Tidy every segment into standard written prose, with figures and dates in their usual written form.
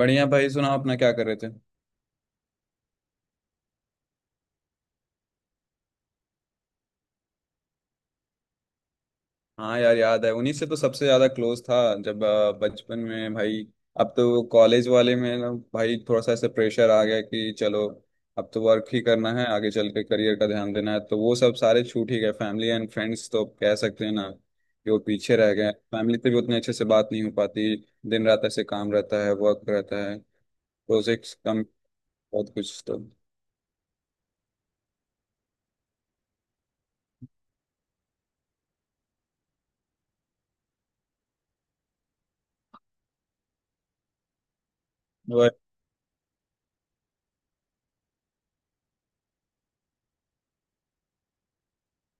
बढ़िया भाई, सुनाओ अपना क्या कर रहे थे। हाँ यार, याद है, उन्हीं से तो सबसे ज्यादा क्लोज था जब बचपन में, भाई। अब तो कॉलेज वाले में ना भाई थोड़ा सा ऐसे प्रेशर आ गया कि चलो अब तो वर्क ही करना है, आगे चल के करियर का ध्यान देना है, तो वो सब सारे छूट ही गए। फैमिली एंड फ्रेंड्स तो अब कह सकते हैं ना कि वो पीछे रह गए। फैमिली से भी उतने अच्छे से बात नहीं हो पाती। दिन रात ऐसे काम रहता है, वर्क रहता है, प्रोजेक्ट्स कम, बहुत कुछ।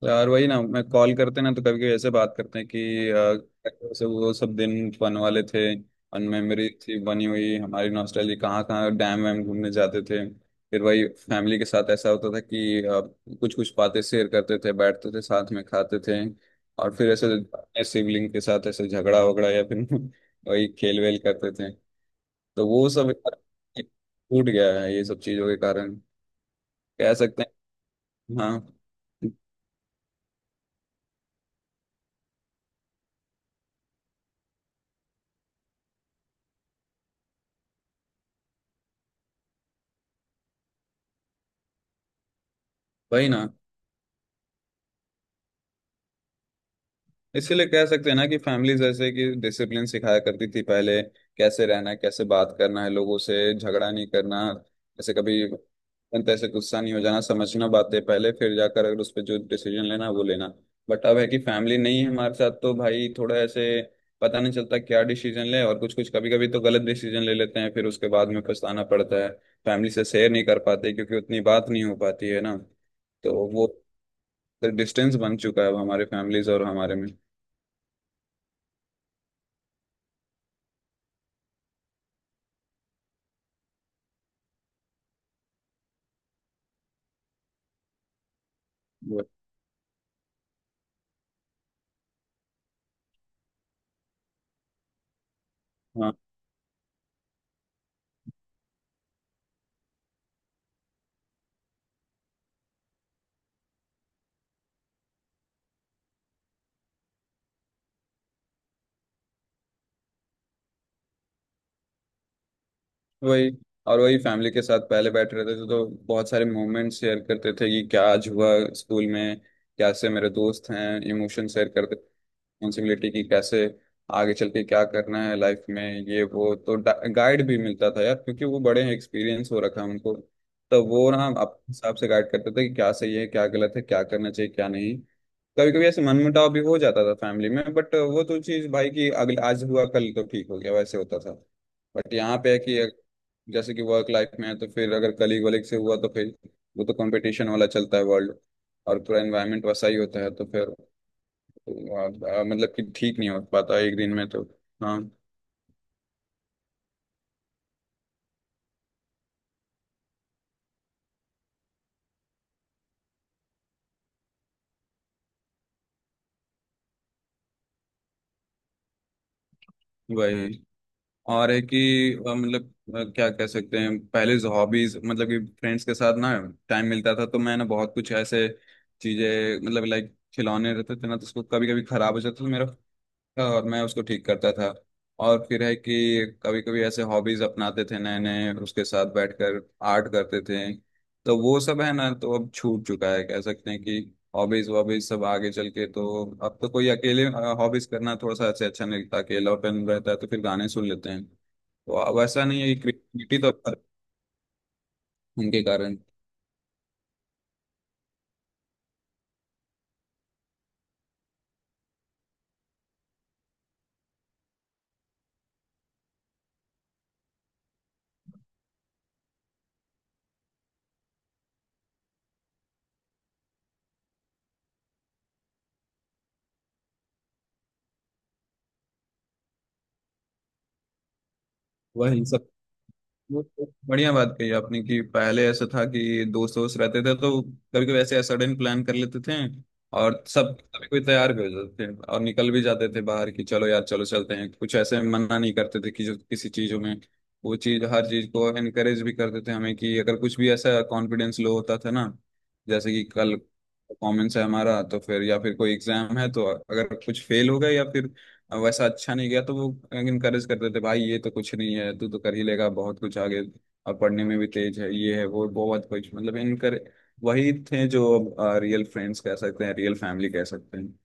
तो यार वही ना, मैं कॉल करते ना तो कभी कभी ऐसे बात करते हैं कि वैसे वो सब दिन फन वाले थे। अन मेमोरी थी बनी हुई, हमारी नॉस्टैल्जी, कहाँ कहाँ डैम वैम घूमने जाते थे। फिर वही फैमिली के साथ ऐसा होता था कि कुछ कुछ बातें शेयर करते थे, बैठते थे, साथ में खाते थे। और फिर ऐसे अपने सिबलिंग के साथ ऐसे झगड़ा वगड़ा या फिर वही खेल वेल करते थे। तो वो सब टूट गया है, ये सब चीजों के कारण, कह सकते हैं। हाँ, वही ना, इसीलिए कह सकते हैं ना कि फैमिली जैसे कि डिसिप्लिन सिखाया करती थी पहले। कैसे रहना है, कैसे बात करना है लोगों से, झगड़ा नहीं करना, जैसे कभी तैसे गुस्सा नहीं हो जाना, समझना बातें पहले, फिर जाकर अगर उस पर जो डिसीजन लेना है वो लेना। बट अब है कि फैमिली नहीं है हमारे साथ तो भाई थोड़ा ऐसे पता नहीं चलता क्या डिसीजन ले, और कुछ कुछ कभी कभी तो गलत डिसीजन ले लेते हैं, फिर उसके बाद में पछताना पड़ता है। फैमिली से शेयर नहीं कर पाते क्योंकि उतनी बात नहीं हो पाती है ना। तो वो डिस्टेंस बन चुका है अब हमारे फैमिलीज और हमारे में। हाँ, वही। और वही फैमिली के साथ पहले बैठ रहे थे तो, बहुत सारे मोमेंट शेयर करते थे कि क्या आज हुआ स्कूल में, कैसे मेरे दोस्त हैं, इमोशन शेयर करते, रिस्पॉन्सिबिलिटी की, कैसे आगे चल के क्या करना है लाइफ में, ये वो। तो गाइड भी मिलता था यार, क्योंकि वो बड़े हैं, एक्सपीरियंस हो रखा है उनको। तो वो ना अपने हिसाब से गाइड करते थे कि क्या सही है, क्या गलत है, क्या करना चाहिए क्या नहीं। कभी कभी ऐसे मनमुटाव भी हो जाता था फैमिली में, बट वो तो चीज़ भाई की, अगले आज हुआ कल तो ठीक हो गया, वैसे होता था। बट यहाँ पे है कि जैसे कि वर्क लाइफ में है तो फिर अगर कलीग वलीग से हुआ तो फिर वो तो कंपटीशन वाला चलता है वर्ल्ड, और पूरा एनवायरनमेंट वैसा ही होता है। तो फिर आ, मतलब कि ठीक नहीं हो पाता एक दिन में तो। हाँ, वही। और है कि मतलब क्या कह सकते हैं, पहले हॉबीज मतलब कि फ्रेंड्स के साथ ना टाइम मिलता था तो मैं ना बहुत कुछ ऐसे चीजें, मतलब लाइक खिलौने रहते थे ना तो उसको कभी कभी खराब हो जाता था मेरा, और मैं उसको ठीक करता था। और फिर है कि कभी कभी ऐसे हॉबीज अपनाते थे नए नए, उसके साथ बैठकर आर्ट करते थे। तो वो सब है ना, तो अब छूट चुका है, कह सकते हैं कि हॉबीज वॉबीज सब आगे चल के, तो अब तो कोई अकेले हॉबीज करना थोड़ा सा ऐसे अच्छा नहीं लगता, अकेलापन रहता है, तो फिर गाने सुन लेते हैं, तो अब ऐसा नहीं है कि क्रिएटिविटी तो उनके कारण वह इन सब। वो तो बढ़िया बात कही आपने कि पहले ऐसा था कि दोस्त दोस्त रहते थे तो कभी कभी ऐसे सडन प्लान कर लेते थे, और सब सभी कोई तैयार भी हो जाते थे और निकल भी जाते थे बाहर कि चलो यार चलो चलते हैं कुछ, ऐसे मना नहीं करते थे कि जो किसी चीजों में, वो चीज हर चीज को एनकरेज भी करते थे हमें कि अगर कुछ भी ऐसा कॉन्फिडेंस लो होता था ना, जैसे कि कल परफॉर्मेंस है हमारा तो फिर, या फिर कोई एग्जाम है तो अगर कुछ फेल हो गए या फिर अब वैसा अच्छा नहीं गया, तो वो इनकरेज करते थे भाई ये तो कुछ नहीं है, तू तो कर ही लेगा बहुत कुछ आगे, अब पढ़ने में भी तेज है, ये है वो, बहुत कुछ, मतलब इनकर, वही थे जो रियल फ्रेंड्स कह सकते हैं, रियल फैमिली कह सकते हैं।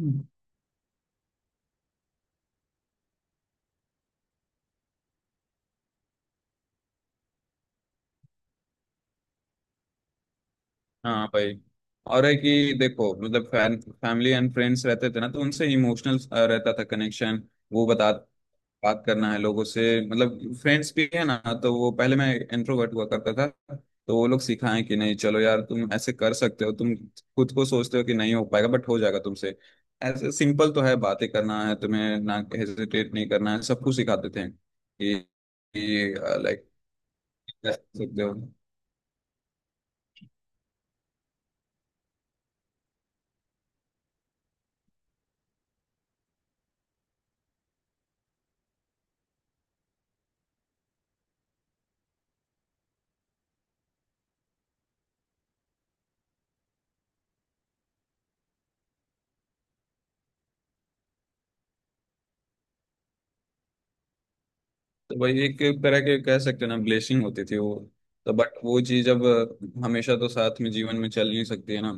हम्म। हाँ भाई। और है कि देखो, मतलब फैमिली एंड फ्रेंड्स रहते थे ना तो उनसे इमोशनल रहता था कनेक्शन। वो बता, बात करना है लोगों से, मतलब फ्रेंड्स भी है ना, तो वो पहले मैं इंट्रोवर्ट हुआ करता था, तो वो लोग सिखाएं कि नहीं चलो यार तुम ऐसे कर सकते हो, तुम खुद को सोचते हो कि नहीं हो पाएगा, बट हो जाएगा तुमसे, ऐसे सिंपल तो है बातें करना है, तुम्हें ना हेजिटेट नहीं करना है, सब कुछ सिखाते थे कि लाइक कह सकते हो। तो वही, एक तरह के कह सकते हो ना, ब्लेसिंग होती थी वो। तो बट वो चीज अब हमेशा तो साथ में जीवन में चल नहीं सकती है ना।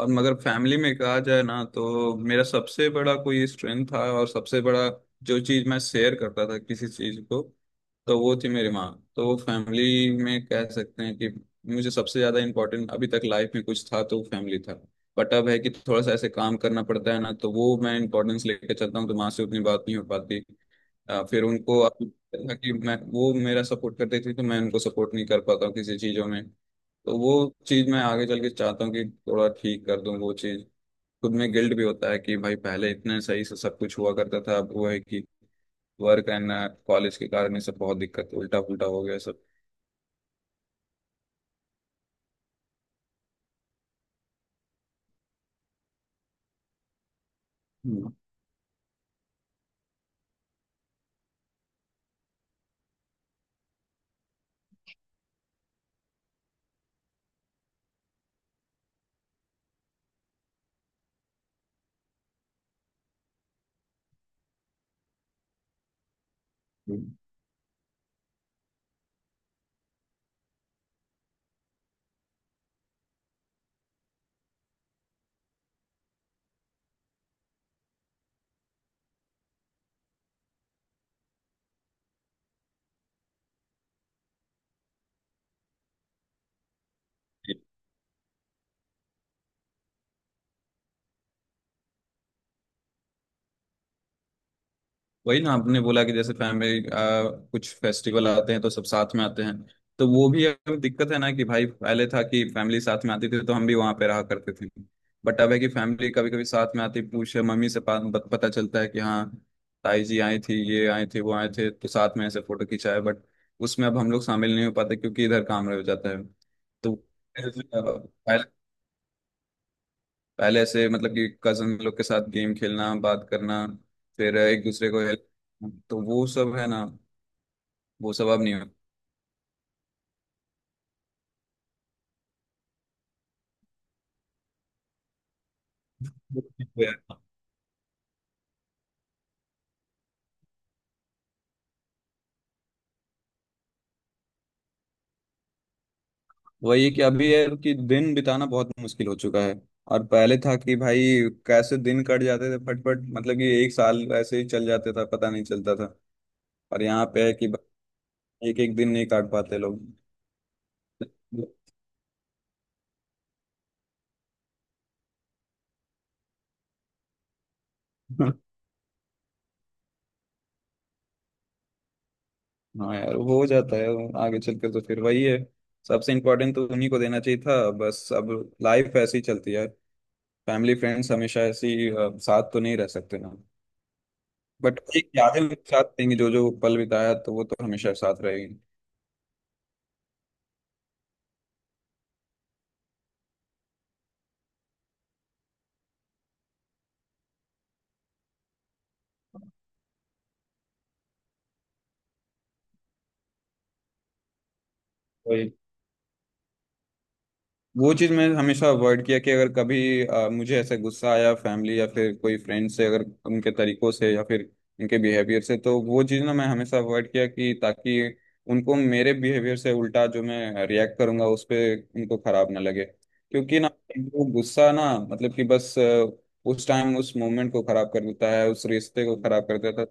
और मगर फैमिली में कहा जाए ना तो मेरा सबसे बड़ा कोई स्ट्रेंथ था और सबसे बड़ा जो चीज़ मैं शेयर करता था किसी चीज़ को, तो वो थी मेरी माँ। तो वो फैमिली में कह सकते हैं कि मुझे सबसे ज़्यादा इम्पोर्टेंट अभी तक लाइफ में कुछ था तो वो फैमिली था। बट अब है कि थोड़ा सा ऐसे काम करना पड़ता है ना तो वो मैं इंपॉर्टेंस लेके चलता हूँ, तो माँ से उतनी बात नहीं हो पाती। फिर उनको अब था कि मैं वो मेरा सपोर्ट करती थी तो मैं उनको सपोर्ट नहीं कर पाता हूँ किसी चीज़ों में। तो वो चीज़ मैं आगे चल के चाहता हूँ कि थोड़ा ठीक कर दूँ वो चीज़। खुद में गिल्ट भी होता है कि भाई पहले इतने सही से सब कुछ हुआ करता था, अब वो है कि वर्क एंड कॉलेज के कारण ये सब बहुत दिक्कत, उल्टा पुल्टा हो गया सब। हम्म, हम्म। वही ना आपने बोला कि जैसे फैमिली कुछ फेस्टिवल आते हैं तो सब साथ में आते हैं। तो वो भी अब दिक्कत है ना कि भाई पहले था कि फैमिली साथ में आती थी तो हम भी वहां पे रहा करते थे। बट अब है कि फैमिली कभी कभी साथ में आती पूछे मम्मी से पा- पत- पता चलता है कि हाँ ताई जी आई थी, ये आए थे, वो आए थे, तो साथ में ऐसे फोटो खिंचाए, बट उसमें अब हम लोग शामिल नहीं हो पाते क्योंकि इधर काम रह जाता है। तो पहले, पहले से मतलब कि कजन लोग के साथ गेम खेलना, बात करना, फिर एक दूसरे को हेल्प, तो वो सब है ना, वो सब अब नहीं हो। वही है कि अभी है कि दिन बिताना बहुत मुश्किल हो चुका है। और पहले था कि भाई कैसे दिन कट जाते थे फटफट, मतलब कि एक साल ऐसे ही चल जाते था, पता नहीं चलता था। और यहाँ पे है कि एक एक दिन नहीं काट पाते लोग। हाँ यार, हो जाता है। आगे चलकर तो फिर वही है, सबसे इम्पोर्टेंट तो उन्हीं को देना चाहिए था बस। अब लाइफ ऐसे ही चलती है, फैमिली फ्रेंड्स हमेशा ऐसी साथ तो नहीं रह सकते ना। बट एक यादें उनके साथ रहेंगी, जो जो पल बिताया तो वो तो हमेशा साथ रहेगी। वो चीज़ मैं हमेशा अवॉइड किया कि अगर कभी मुझे ऐसा गुस्सा आया फैमिली या फिर कोई फ्रेंड से, अगर उनके तरीकों से या फिर उनके बिहेवियर से, तो वो चीज़ ना मैं हमेशा अवॉइड किया कि ताकि उनको मेरे बिहेवियर से उल्टा जो मैं रिएक्ट करूंगा उस पर उनको खराब ना लगे, क्योंकि ना वो गुस्सा ना मतलब कि बस उस टाइम उस मोमेंट को खराब कर देता है, उस रिश्ते को खराब कर देता है।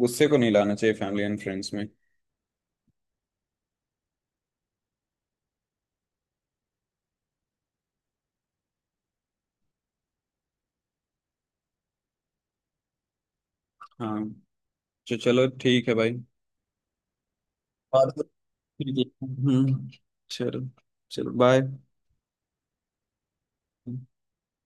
गुस्से को नहीं लाना चाहिए फैमिली एंड फ्रेंड्स में। हाँ, तो चलो ठीक है भाई। और ठीक है। हम्म, चलो, चलो बाय।